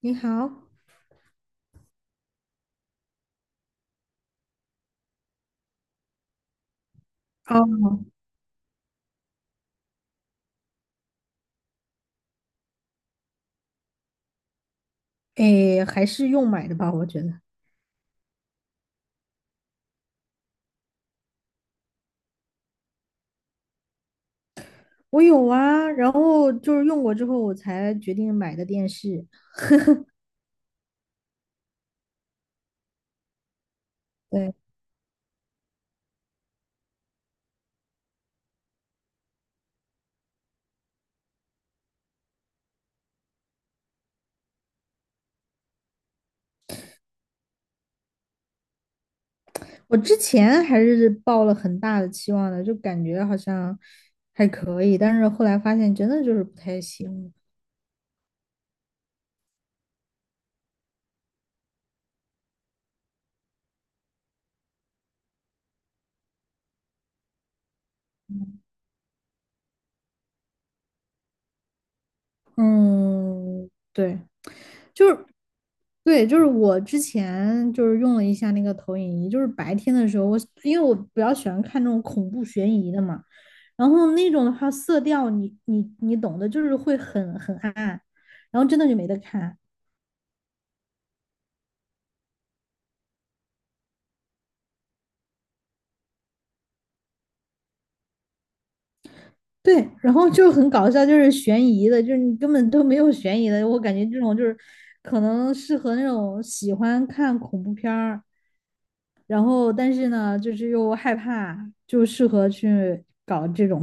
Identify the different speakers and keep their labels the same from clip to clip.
Speaker 1: 你好。哦。诶，还是用买的吧，我觉得。我有啊，然后就是用过之后，我才决定买的电视。对，我之前还是抱了很大的期望的，就感觉好像还可以，但是后来发现真的就是不太行。嗯，对，就是对，就是我之前就是用了一下那个投影仪，就是白天的时候，因为我比较喜欢看那种恐怖悬疑的嘛。然后那种的话，色调你懂的，就是会很暗，然后真的就没得看。对，然后就很搞笑，就是悬疑的，就是你根本都没有悬疑的。我感觉这种就是可能适合那种喜欢看恐怖片儿，然后但是呢，就是又害怕，就适合去搞这种。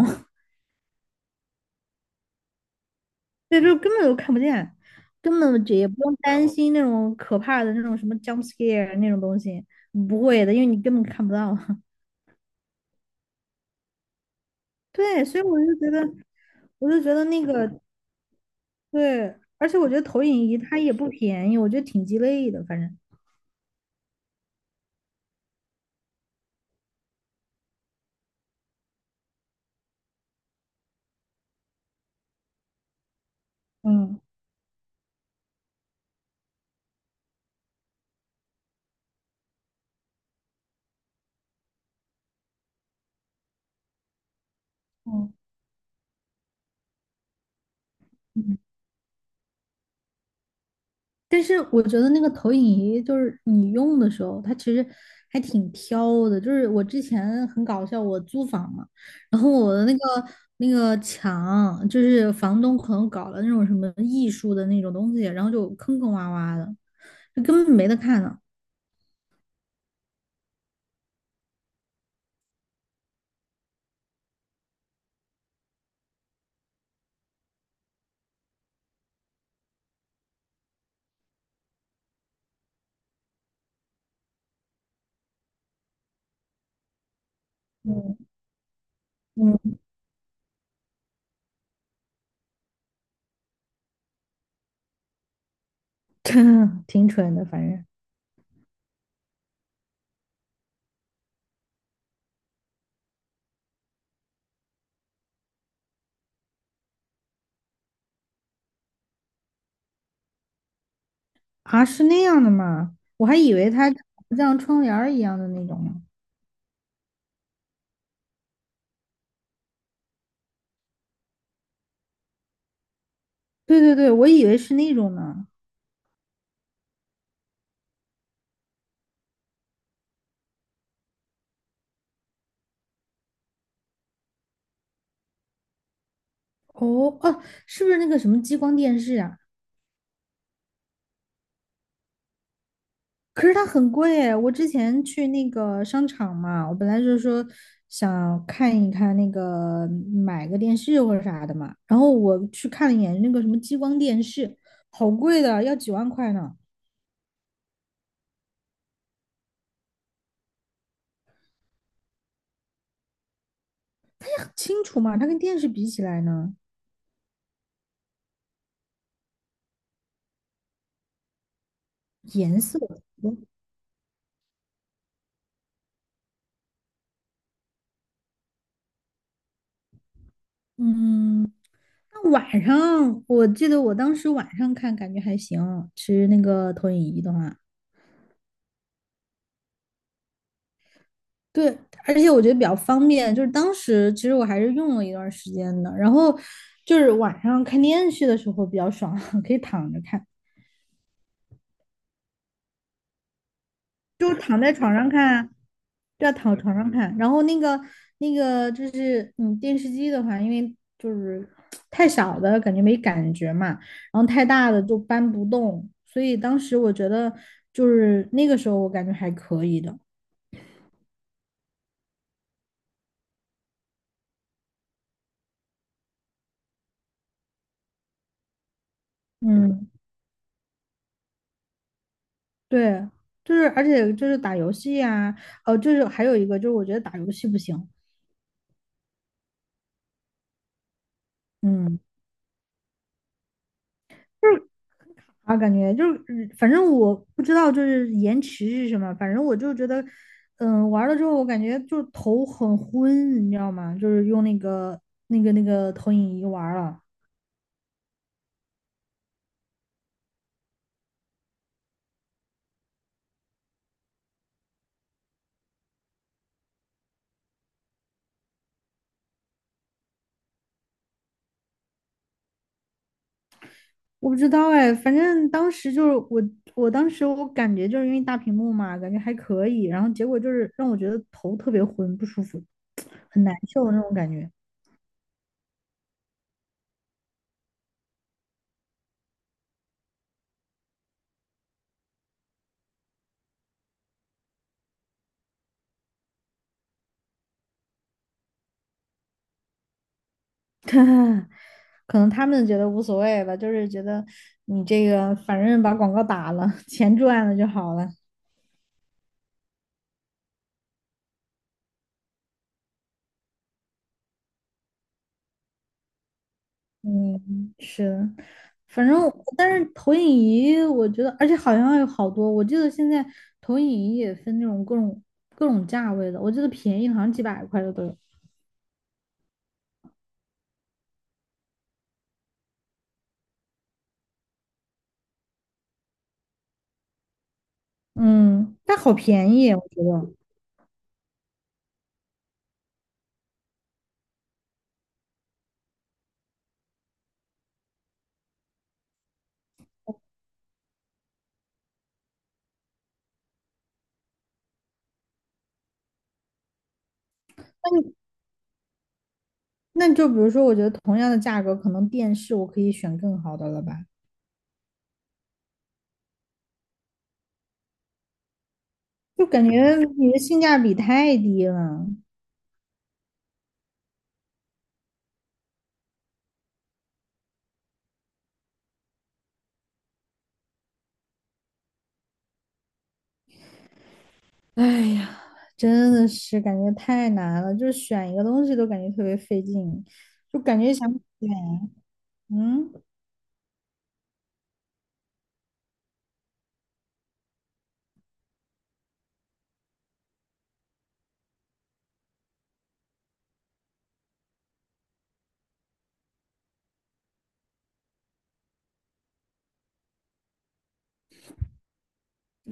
Speaker 1: 对，就根本就看不见，根本这也不用担心那种可怕的那种什么 jump scare 那种东西，不会的，因为你根本看不到。对，所以我就觉得。我就觉得那个，对，而且我觉得投影仪它也不便宜，我觉得挺鸡肋的，反正。嗯嗯。嗯。但是我觉得那个投影仪就是你用的时候，它其实还挺挑的。就是我之前很搞笑，我租房嘛，然后我的那个墙，就是房东可能搞了那种什么艺术的那种东西，然后就坑坑洼洼的，就根本没得看呢。嗯。嗯。挺蠢的，反正。啊，是那样的吗？我还以为它长得像窗帘儿一样的那种呢。对对对，我以为是那种呢。哦哦，是不是那个什么激光电视啊？可是它很贵诶，我之前去那个商场嘛，我本来就是说想看一看那个，买个电视或者啥的嘛，然后我去看了一眼那个什么激光电视，好贵的，要几万块呢。清楚嘛，它跟电视比起来呢？颜色。嗯，那晚上我记得我当时晚上看感觉还行，其实那个投影仪的话，对，而且我觉得比较方便。就是当时其实我还是用了一段时间的，然后就是晚上看电视的时候比较爽，可以躺着看。就躺在床上看啊。对啊，躺床上看。然后那个就是嗯，电视机的话，因为就是太小的感觉没感觉嘛，然后太大的就搬不动，所以当时我觉得就是那个时候我感觉还可以的。嗯，对，就是而且就是打游戏啊，哦，就是还有一个就是我觉得打游戏不行。嗯。就是很卡啊，感觉就是，嗯反正我不知道就是延迟是什么，反正我就觉得，嗯，玩了之后我感觉就是头很昏，你知道吗？就是用那个，那个投影仪玩了。我不知道哎，反正当时就是我，我当时感觉就是因为大屏幕嘛，感觉还可以，然后结果就是让我觉得头特别昏，不舒服，很难受的那种感觉。可能他们觉得无所谓吧，就是觉得你这个反正把广告打了，钱赚了就好了。嗯，是。反正我但是投影仪，我觉得，而且好像有好多，我记得现在投影仪也分那种，各种价位的，我记得便宜的好像几百块的都有。嗯，但好便宜啊，我觉得。那你那就比如说，我觉得同样的价格，可能电视我可以选更好的了吧？就感觉你的性价比太低了。哎呀，真的是感觉太难了，就是选一个东西都感觉特别费劲，就感觉想选。嗯，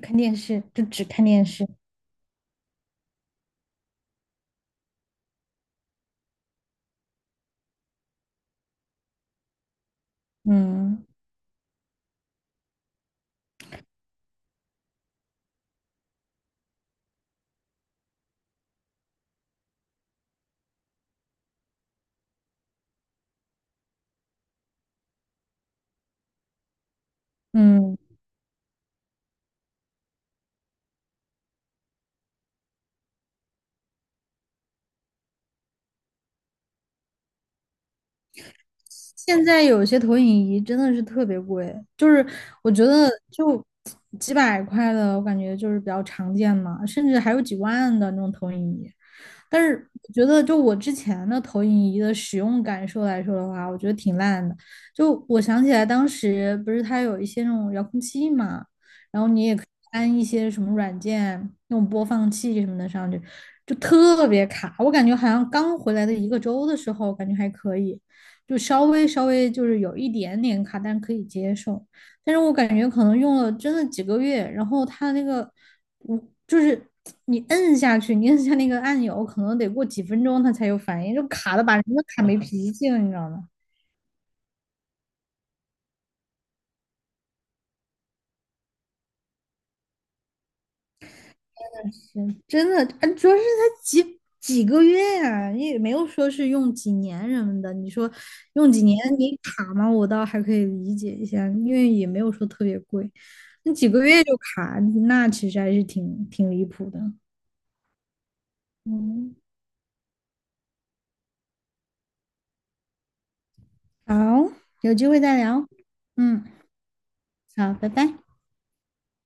Speaker 1: 看电视就只看电视。嗯嗯。现在有些投影仪真的是特别贵，就是我觉得就几百块的，我感觉就是比较常见嘛，甚至还有几万的那种投影仪。但是我觉得，就我之前的投影仪的使用感受来说的话，我觉得挺烂的。就我想起来，当时不是它有一些那种遥控器嘛，然后你也可以安一些什么软件，那种播放器什么的上去，就特别卡。我感觉好像刚回来的一个周的时候，感觉还可以。就稍微稍微就是有一点点卡，但可以接受。但是我感觉可能用了真的几个月，然后它那个，我就是你摁下去，你摁下那个按钮，可能得过几分钟它才有反应，就卡的把人都卡没脾气了，你知道吗？真的，啊主要是才几个月呀、你也没有说是用几年什么的。你说用几年你卡吗？我倒还可以理解一下，因为也没有说特别贵。那几个月就卡，那其实还是挺离谱的。嗯。好，有机会再聊。嗯。好，拜拜。